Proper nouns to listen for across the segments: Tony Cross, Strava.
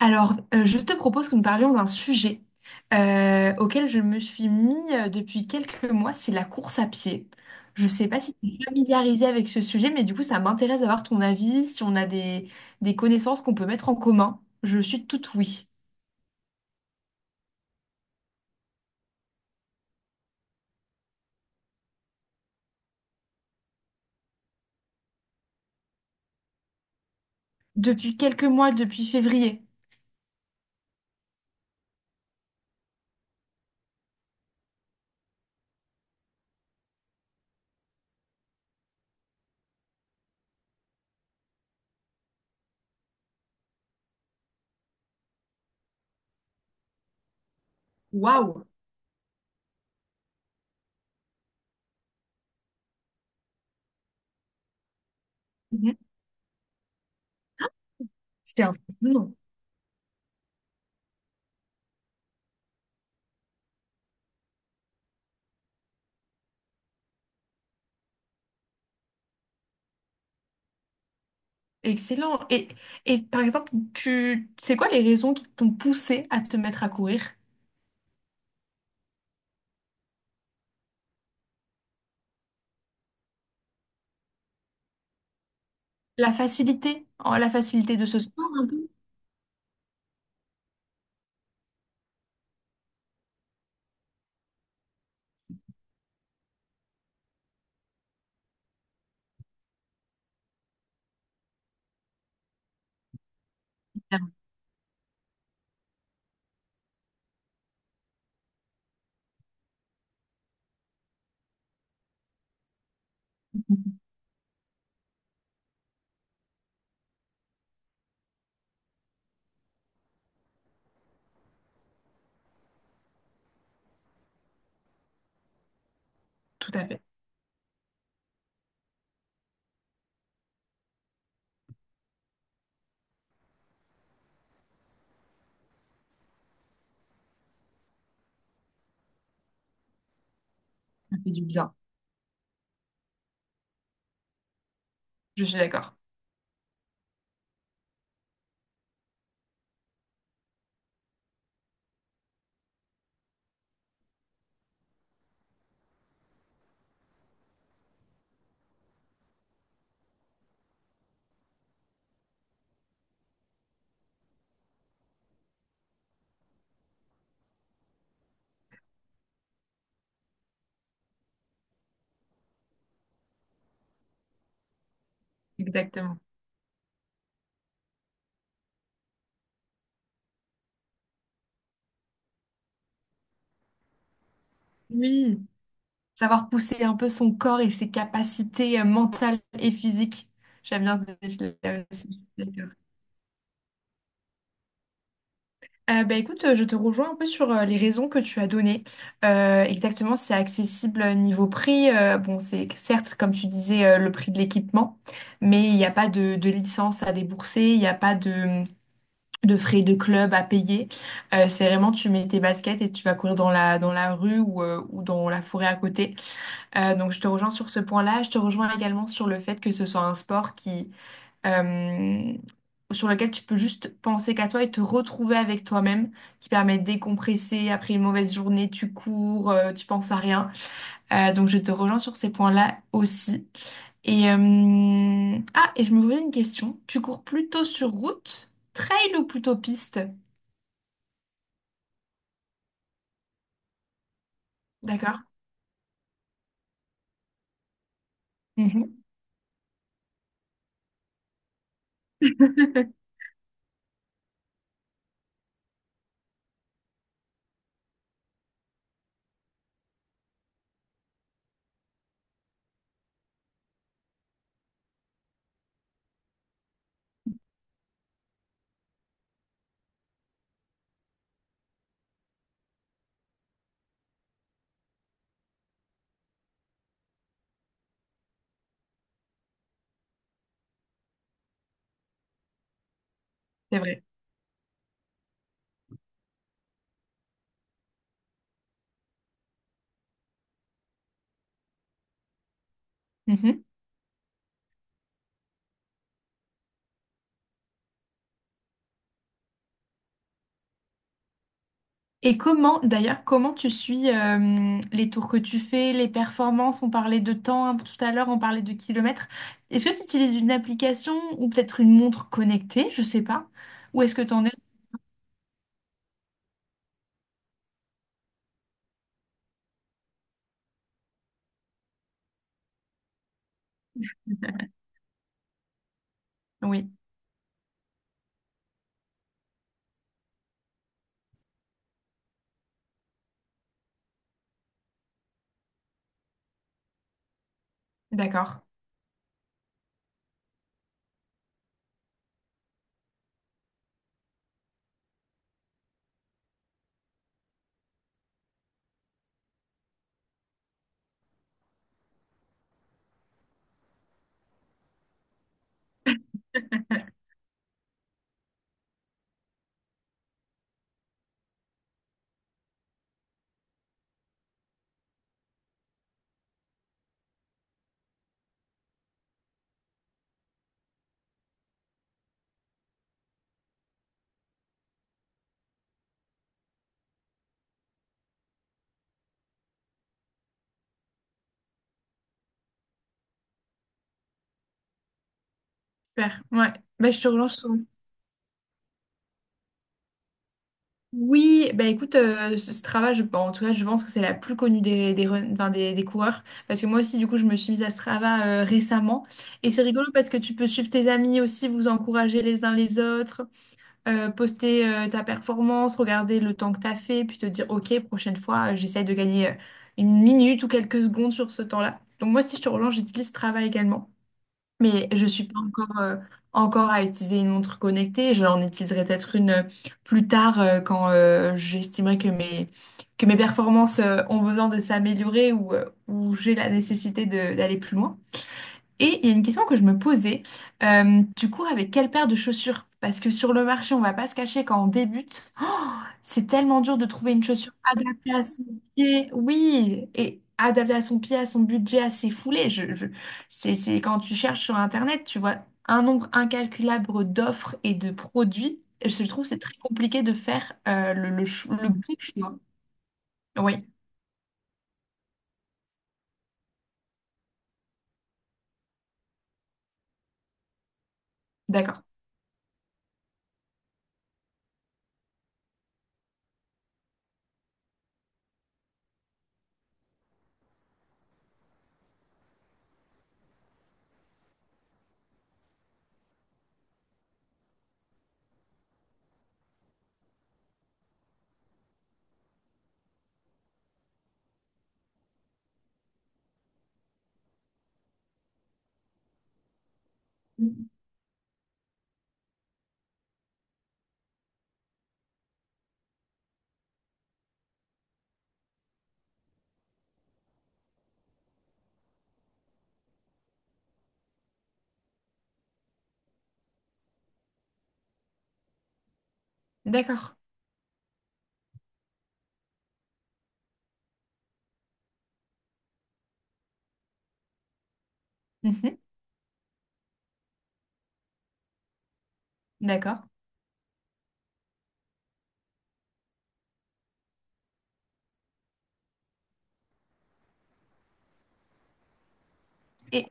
Je te propose que nous parlions d'un sujet auquel je me suis mis depuis quelques mois, c'est la course à pied. Je ne sais pas si tu es familiarisée avec ce sujet, mais du coup, ça m'intéresse d'avoir ton avis, si on a des connaissances qu'on peut mettre en commun. Je suis toute oui. Depuis quelques mois, depuis février. Waouh! Mhm. C'est un excellent. Et par exemple, tu c'est quoi les raisons qui t'ont poussé à te mettre à courir? La facilité, la facilité de ce sport un peu. Tout à fait. Ça fait du bien. Je suis d'accord. Exactement. Oui, savoir pousser un peu son corps et ses capacités mentales et physiques. J'aime bien ce défi-là aussi. D'accord. Écoute, je te rejoins un peu sur les raisons que tu as données. Exactement, c'est accessible niveau prix. Bon, c'est certes, comme tu disais, le prix de l'équipement, mais il n'y a pas de licence à débourser, il n'y a pas de frais de club à payer. C'est vraiment, tu mets tes baskets et tu vas courir dans la rue ou dans la forêt à côté. Donc, je te rejoins sur ce point-là. Je te rejoins également sur le fait que ce soit un sport qui, euh, sur lequel tu peux juste penser qu'à toi et te retrouver avec toi-même, qui permet de décompresser. Après une mauvaise journée, tu cours, tu penses à rien. Donc, je te rejoins sur ces points-là aussi. Et je me posais une question. Tu cours plutôt sur route, trail ou plutôt piste? D'accord. Mhm. C'est vrai. Mhm. Et comment, d'ailleurs, comment tu suis les tours que tu fais, les performances? On parlait de temps hein, tout à l'heure, on parlait de kilomètres. Est-ce que tu utilises une application ou peut-être une montre connectée? Je sais pas. Où est-ce que tu en es? Oui, d'accord. Super. Ouais. Bah, je te relance. Oui, bah écoute, ce travail, je, bon, en tout cas, je pense que c'est la plus connue enfin, des coureurs. Parce que moi aussi, du coup, je me suis mise à Strava récemment. Et c'est rigolo parce que tu peux suivre tes amis aussi, vous encourager les uns les autres, poster ta performance, regarder le temps que tu as fait, puis te dire, OK, prochaine fois, j'essaie de gagner une minute ou quelques secondes sur ce temps-là. Donc moi, si je te relance, j'utilise Strava également. Mais je suis pas encore, encore à utiliser une montre connectée. J'en utiliserai peut-être une plus tard quand j'estimerai que que mes performances ont besoin de s'améliorer ou j'ai la nécessité d'aller plus loin. Et il y a une question que je me posais. Tu cours avec quelle paire de chaussures? Parce que sur le marché, on va pas se cacher quand on débute. C'est tellement dur de trouver une chaussure adaptée à son pied. Oui, et adaptée à son pied, à son budget, à ses foulées. C'est quand tu cherches sur Internet, tu vois un nombre incalculable d'offres et de produits. Et je trouve que c'est très compliqué de faire le bon. Oui, d'accord. D'accord. Mhm, d'accord. Et,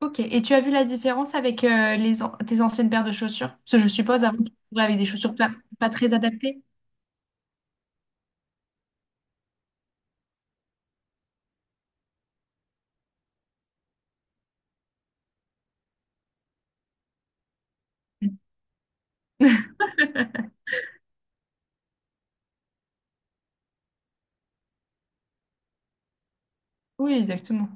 ok. Et tu as vu la différence avec tes anciennes paires de chaussures? Parce que je suppose avant, tu courais avec des chaussures pas très adaptées. Oui, exactement.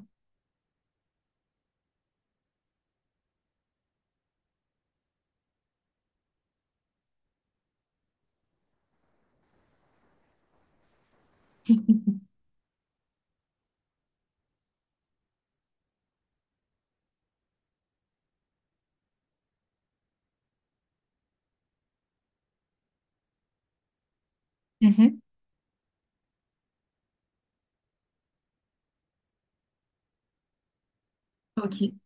Mhm. Ok.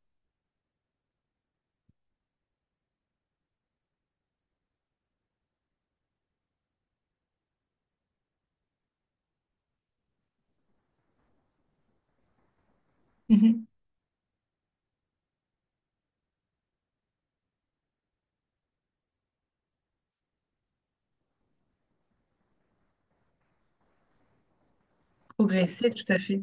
Mhm. Progresser, tout à fait.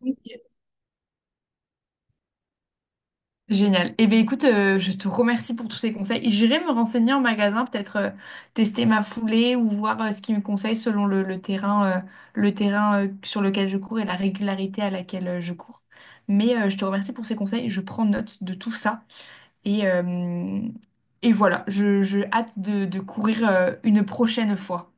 Ok. Génial. Eh bien, écoute, je te remercie pour tous ces conseils. J'irai me renseigner en magasin, peut-être tester ma foulée ou voir ce qu'ils me conseillent selon le terrain, sur lequel je cours et la régularité à laquelle je cours. Mais je te remercie pour ces conseils. Je prends note de tout ça. Et, euh, et voilà, je hâte de courir une prochaine fois.